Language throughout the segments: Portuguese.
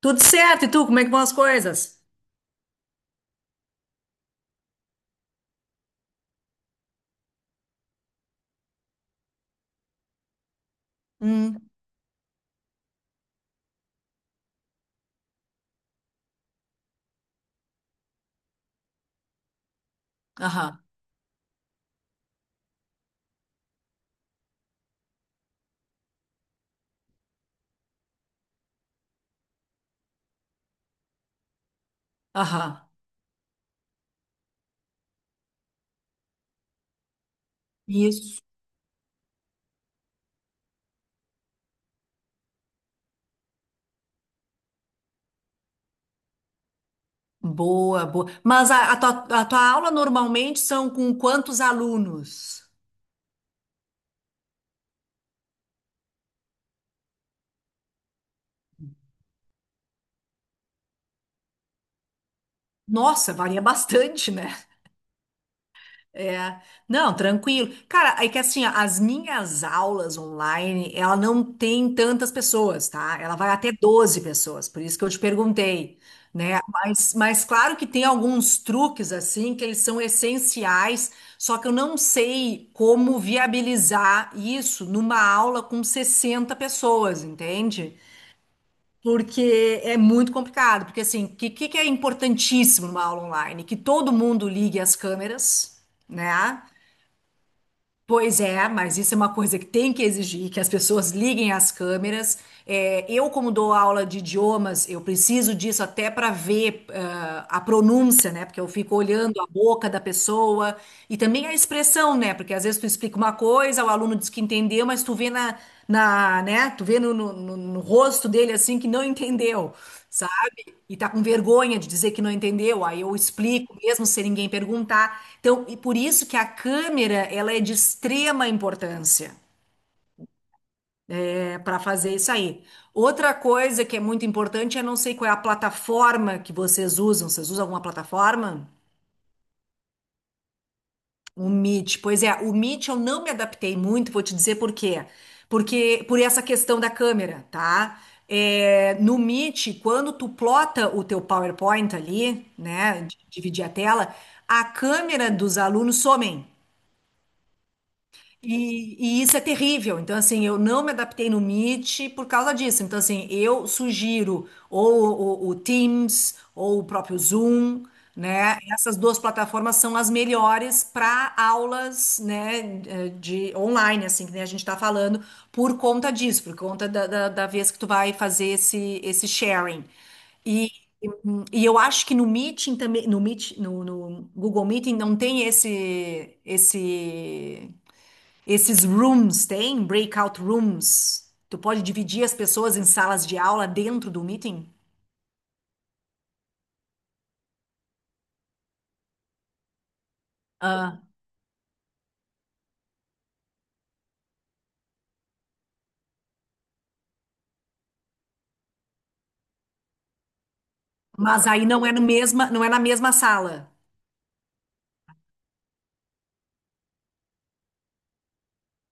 Tudo certo, e tu, como é que vão as coisas? Hum. Aham, aham. Isso. Boa, boa. Mas a tua aula normalmente são com quantos alunos? Nossa, varia bastante, né? É, não, tranquilo. Cara, é que assim, ó, as minhas aulas online, ela não tem tantas pessoas, tá? Ela vai até 12 pessoas, por isso que eu te perguntei, né? Mas claro que tem alguns truques, assim, que eles são essenciais, só que eu não sei como viabilizar isso numa aula com 60 pessoas, entende? Porque é muito complicado, porque assim, que é importantíssimo numa aula online? Que todo mundo ligue as câmeras, né? Pois é, mas isso é uma coisa que tem que exigir que as pessoas liguem as câmeras. É, eu, como dou aula de idiomas, eu preciso disso até para ver a pronúncia, né? Porque eu fico olhando a boca da pessoa e também a expressão, né? Porque às vezes tu explica uma coisa, o aluno diz que entendeu, mas tu vê na, né? Tu vê no rosto dele assim que não entendeu, sabe? E tá com vergonha de dizer que não entendeu, aí eu explico mesmo sem ninguém perguntar. Então, e por isso que a câmera, ela é de extrema importância para fazer isso aí. Outra coisa que é muito importante, eu não sei qual é a plataforma que vocês usam. Vocês usam alguma plataforma? O Meet, pois é, o Meet eu não me adaptei muito, vou te dizer por quê. Porque por essa questão da câmera, tá? É, no Meet, quando tu plota o teu PowerPoint ali, né, de dividir a tela, a câmera dos alunos somem. E isso é terrível. Então, assim, eu não me adaptei no Meet por causa disso. Então, assim, eu sugiro ou o Teams ou o próprio Zoom, né? Essas duas plataformas são as melhores para aulas, né, de online, assim, que nem a gente está falando, por conta disso, por conta da vez que tu vai fazer esse sharing. E, e eu acho que no Meeting também, no Meet, no Google Meeting não tem esse, esses rooms tem breakout rooms. Tu pode dividir as pessoas em salas de aula dentro do meeting. Ah, mas aí não é na mesma sala.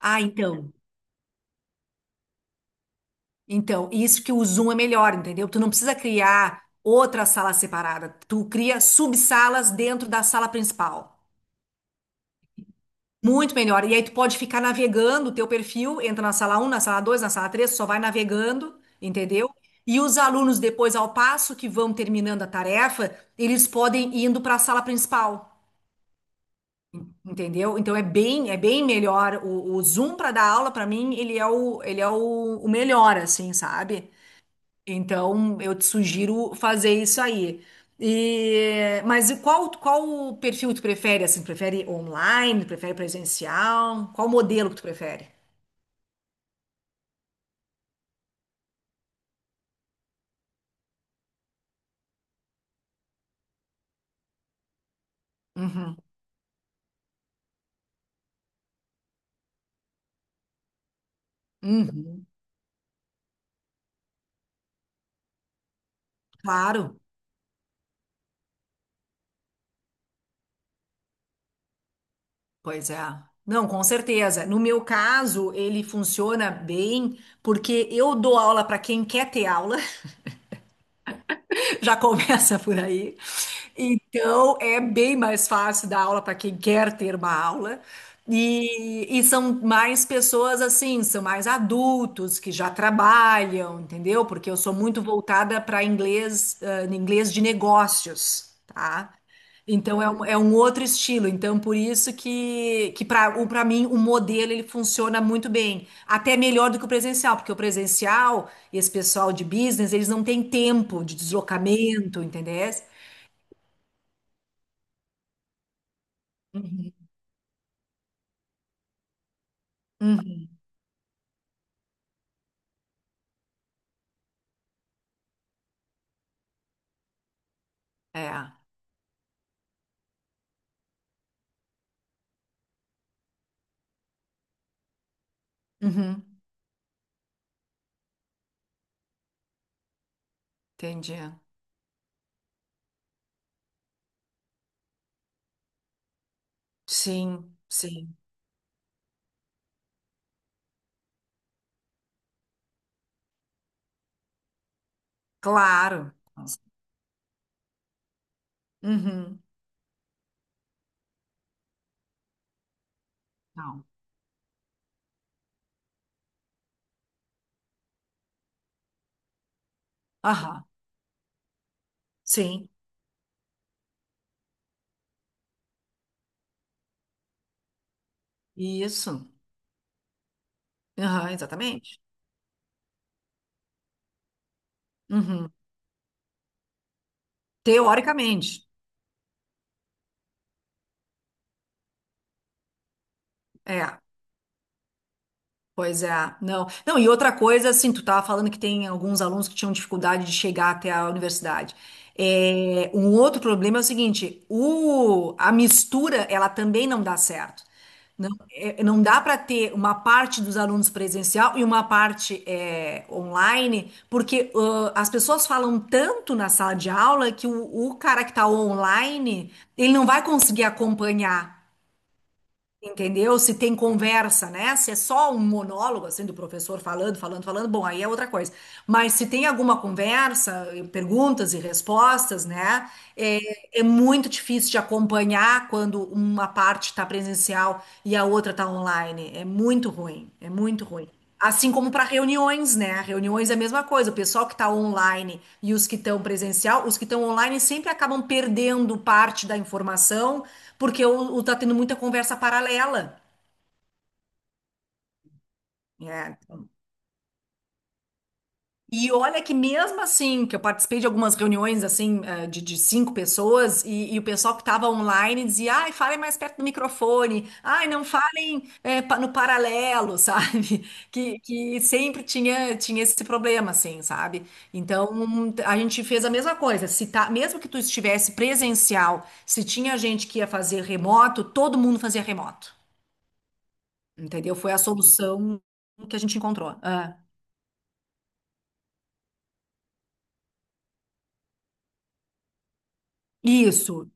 Ah, então. Então, isso que o Zoom é melhor, entendeu? Tu não precisa criar outra sala separada. Tu cria subsalas dentro da sala principal. Muito melhor. E aí tu pode ficar navegando o teu perfil, entra na sala um, na sala 2, na sala 3, só vai navegando, entendeu? E os alunos, depois, ao passo que vão terminando a tarefa, eles podem ir indo para a sala principal, entendeu? Então é bem melhor. O Zoom para dar aula, para mim, ele é o melhor, assim, sabe? Então, eu te sugiro fazer isso aí. Mas e qual o perfil que tu prefere? Assim, prefere online? Prefere presencial? Qual modelo que tu prefere? Uhum. Uhum. Claro, pois é. Não, com certeza. No meu caso, ele funciona bem porque eu dou aula para quem quer ter aula. Já começa por aí. Então, é bem mais fácil dar aula para quem quer ter uma aula. E são mais pessoas assim, são mais adultos que já trabalham, entendeu? Porque eu sou muito voltada para inglês de negócios, tá? Então é um outro estilo. Então por isso que para mim o modelo ele funciona muito bem, até melhor do que o presencial, porque o presencial e esse pessoal de business, eles não têm tempo de deslocamento, entendeu? Uhum. Uhum. É. Uhum. Entendi. Sim, sim. Claro. Uhum. Não. Aham. Sim. Isso. Aham, exatamente. Uhum. Teoricamente. É. Pois é, não. Não, e outra coisa, assim, tu tava falando que tem alguns alunos que tinham dificuldade de chegar até a universidade. É, um outro problema é o seguinte, a mistura, ela também não dá certo. Não, é, não dá para ter uma parte dos alunos presencial e uma parte é, online, porque as pessoas falam tanto na sala de aula que o cara que está online, ele não vai conseguir acompanhar. Entendeu? Se tem conversa, né? Se é só um monólogo, assim, do professor falando, falando, falando, bom, aí é outra coisa. Mas se tem alguma conversa, perguntas e respostas, né? É muito difícil de acompanhar quando uma parte está presencial e a outra está online. É muito ruim, é muito ruim. Assim como para reuniões, né? Reuniões é a mesma coisa. O pessoal que está online e os que estão presencial, os que estão online sempre acabam perdendo parte da informação, porque o tá tendo muita conversa paralela. Né? Então, e olha que mesmo assim, que eu participei de algumas reuniões assim, de cinco pessoas, e o pessoal que estava online dizia, ai, falem mais perto do microfone, ai, não falem no paralelo, sabe? Que sempre tinha, tinha esse problema, assim, sabe? Então, a gente fez a mesma coisa, se tá, mesmo que tu estivesse presencial, se tinha gente que ia fazer remoto, todo mundo fazia remoto, entendeu? Foi a solução que a gente encontrou. Ah, isso.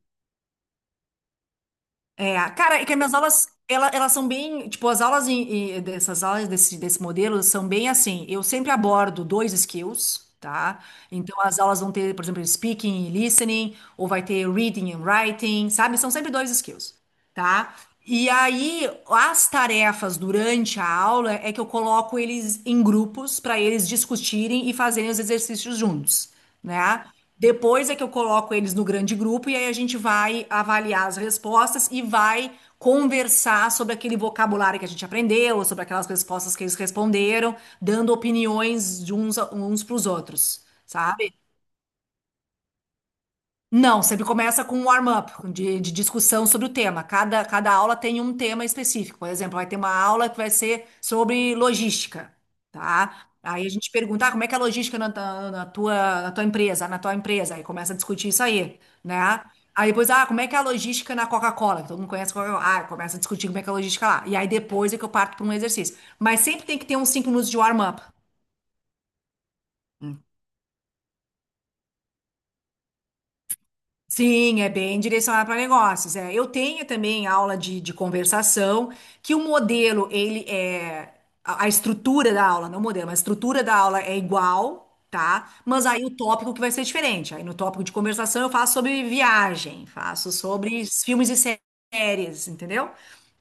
É, cara, é que as minhas aulas, elas são bem, tipo, as aulas dessas aulas desse modelo são bem assim, eu sempre abordo dois skills, tá? Então, as aulas vão ter, por exemplo, speaking e listening, ou vai ter reading and writing, sabe? São sempre dois skills, tá? E aí, as tarefas durante a aula é que eu coloco eles em grupos para eles discutirem e fazerem os exercícios juntos, né? Depois é que eu coloco eles no grande grupo e aí a gente vai avaliar as respostas e vai conversar sobre aquele vocabulário que a gente aprendeu, sobre aquelas respostas que eles responderam, dando opiniões de uns para os outros, sabe? Não, sempre começa com um warm-up de discussão sobre o tema. Cada aula tem um tema específico. Por exemplo, vai ter uma aula que vai ser sobre logística, tá? Aí a gente pergunta, ah, como é que é a logística na tua empresa? Aí começa a discutir isso aí, né? Aí depois, ah, como é que é a logística na Coca-Cola? Que todo mundo conhece a Coca-Cola. Ah, começa a discutir como é que é a logística lá. E aí depois é que eu parto para um exercício. Mas sempre tem que ter uns 5 minutos de warm-up. Sim, é bem direcionado para negócios. É. Eu tenho também aula de conversação, que o modelo, ele é. A estrutura da aula, não o modelo, mas a estrutura da aula é igual, tá? Mas aí o tópico que vai ser diferente. Aí no tópico de conversação eu faço sobre viagem, faço sobre filmes e séries, entendeu?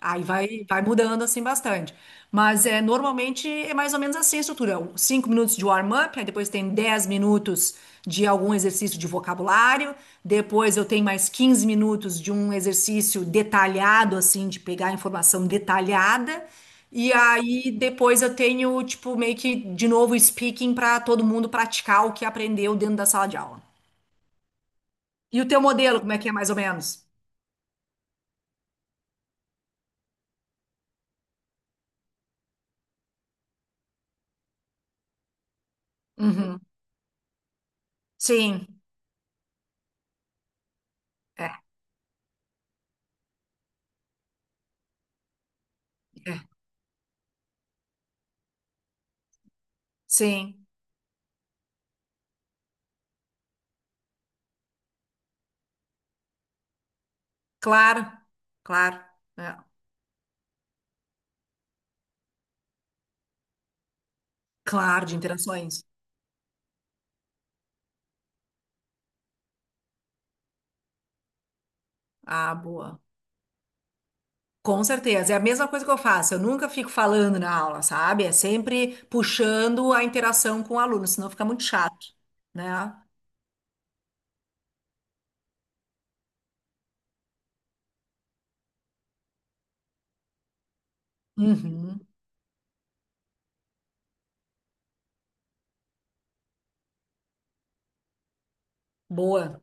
Aí vai, vai mudando assim bastante. Mas é, normalmente é mais ou menos assim a estrutura. 5 minutos de warm-up, aí depois tem 10 minutos de algum exercício de vocabulário, depois eu tenho mais 15 minutos de um exercício detalhado, assim, de pegar informação detalhada, e aí depois eu tenho, tipo, meio que de novo speaking para todo mundo praticar o que aprendeu dentro da sala de aula. E o teu modelo, como é que é mais ou menos? Uhum. Sim, é, é, sim. Claro, claro, é, claro, de interações. Ah, boa. Com certeza. É a mesma coisa que eu faço. Eu nunca fico falando na aula, sabe? É sempre puxando a interação com o aluno, senão fica muito chato, né? Uhum. Boa.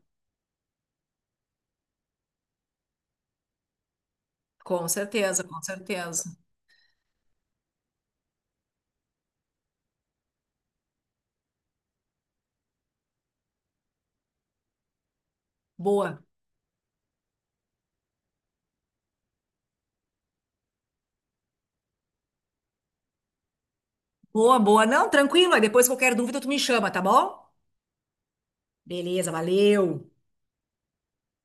Com certeza, com certeza. Boa. Boa, boa. Não, tranquilo. Aí depois qualquer dúvida tu me chama, tá bom? Beleza, valeu.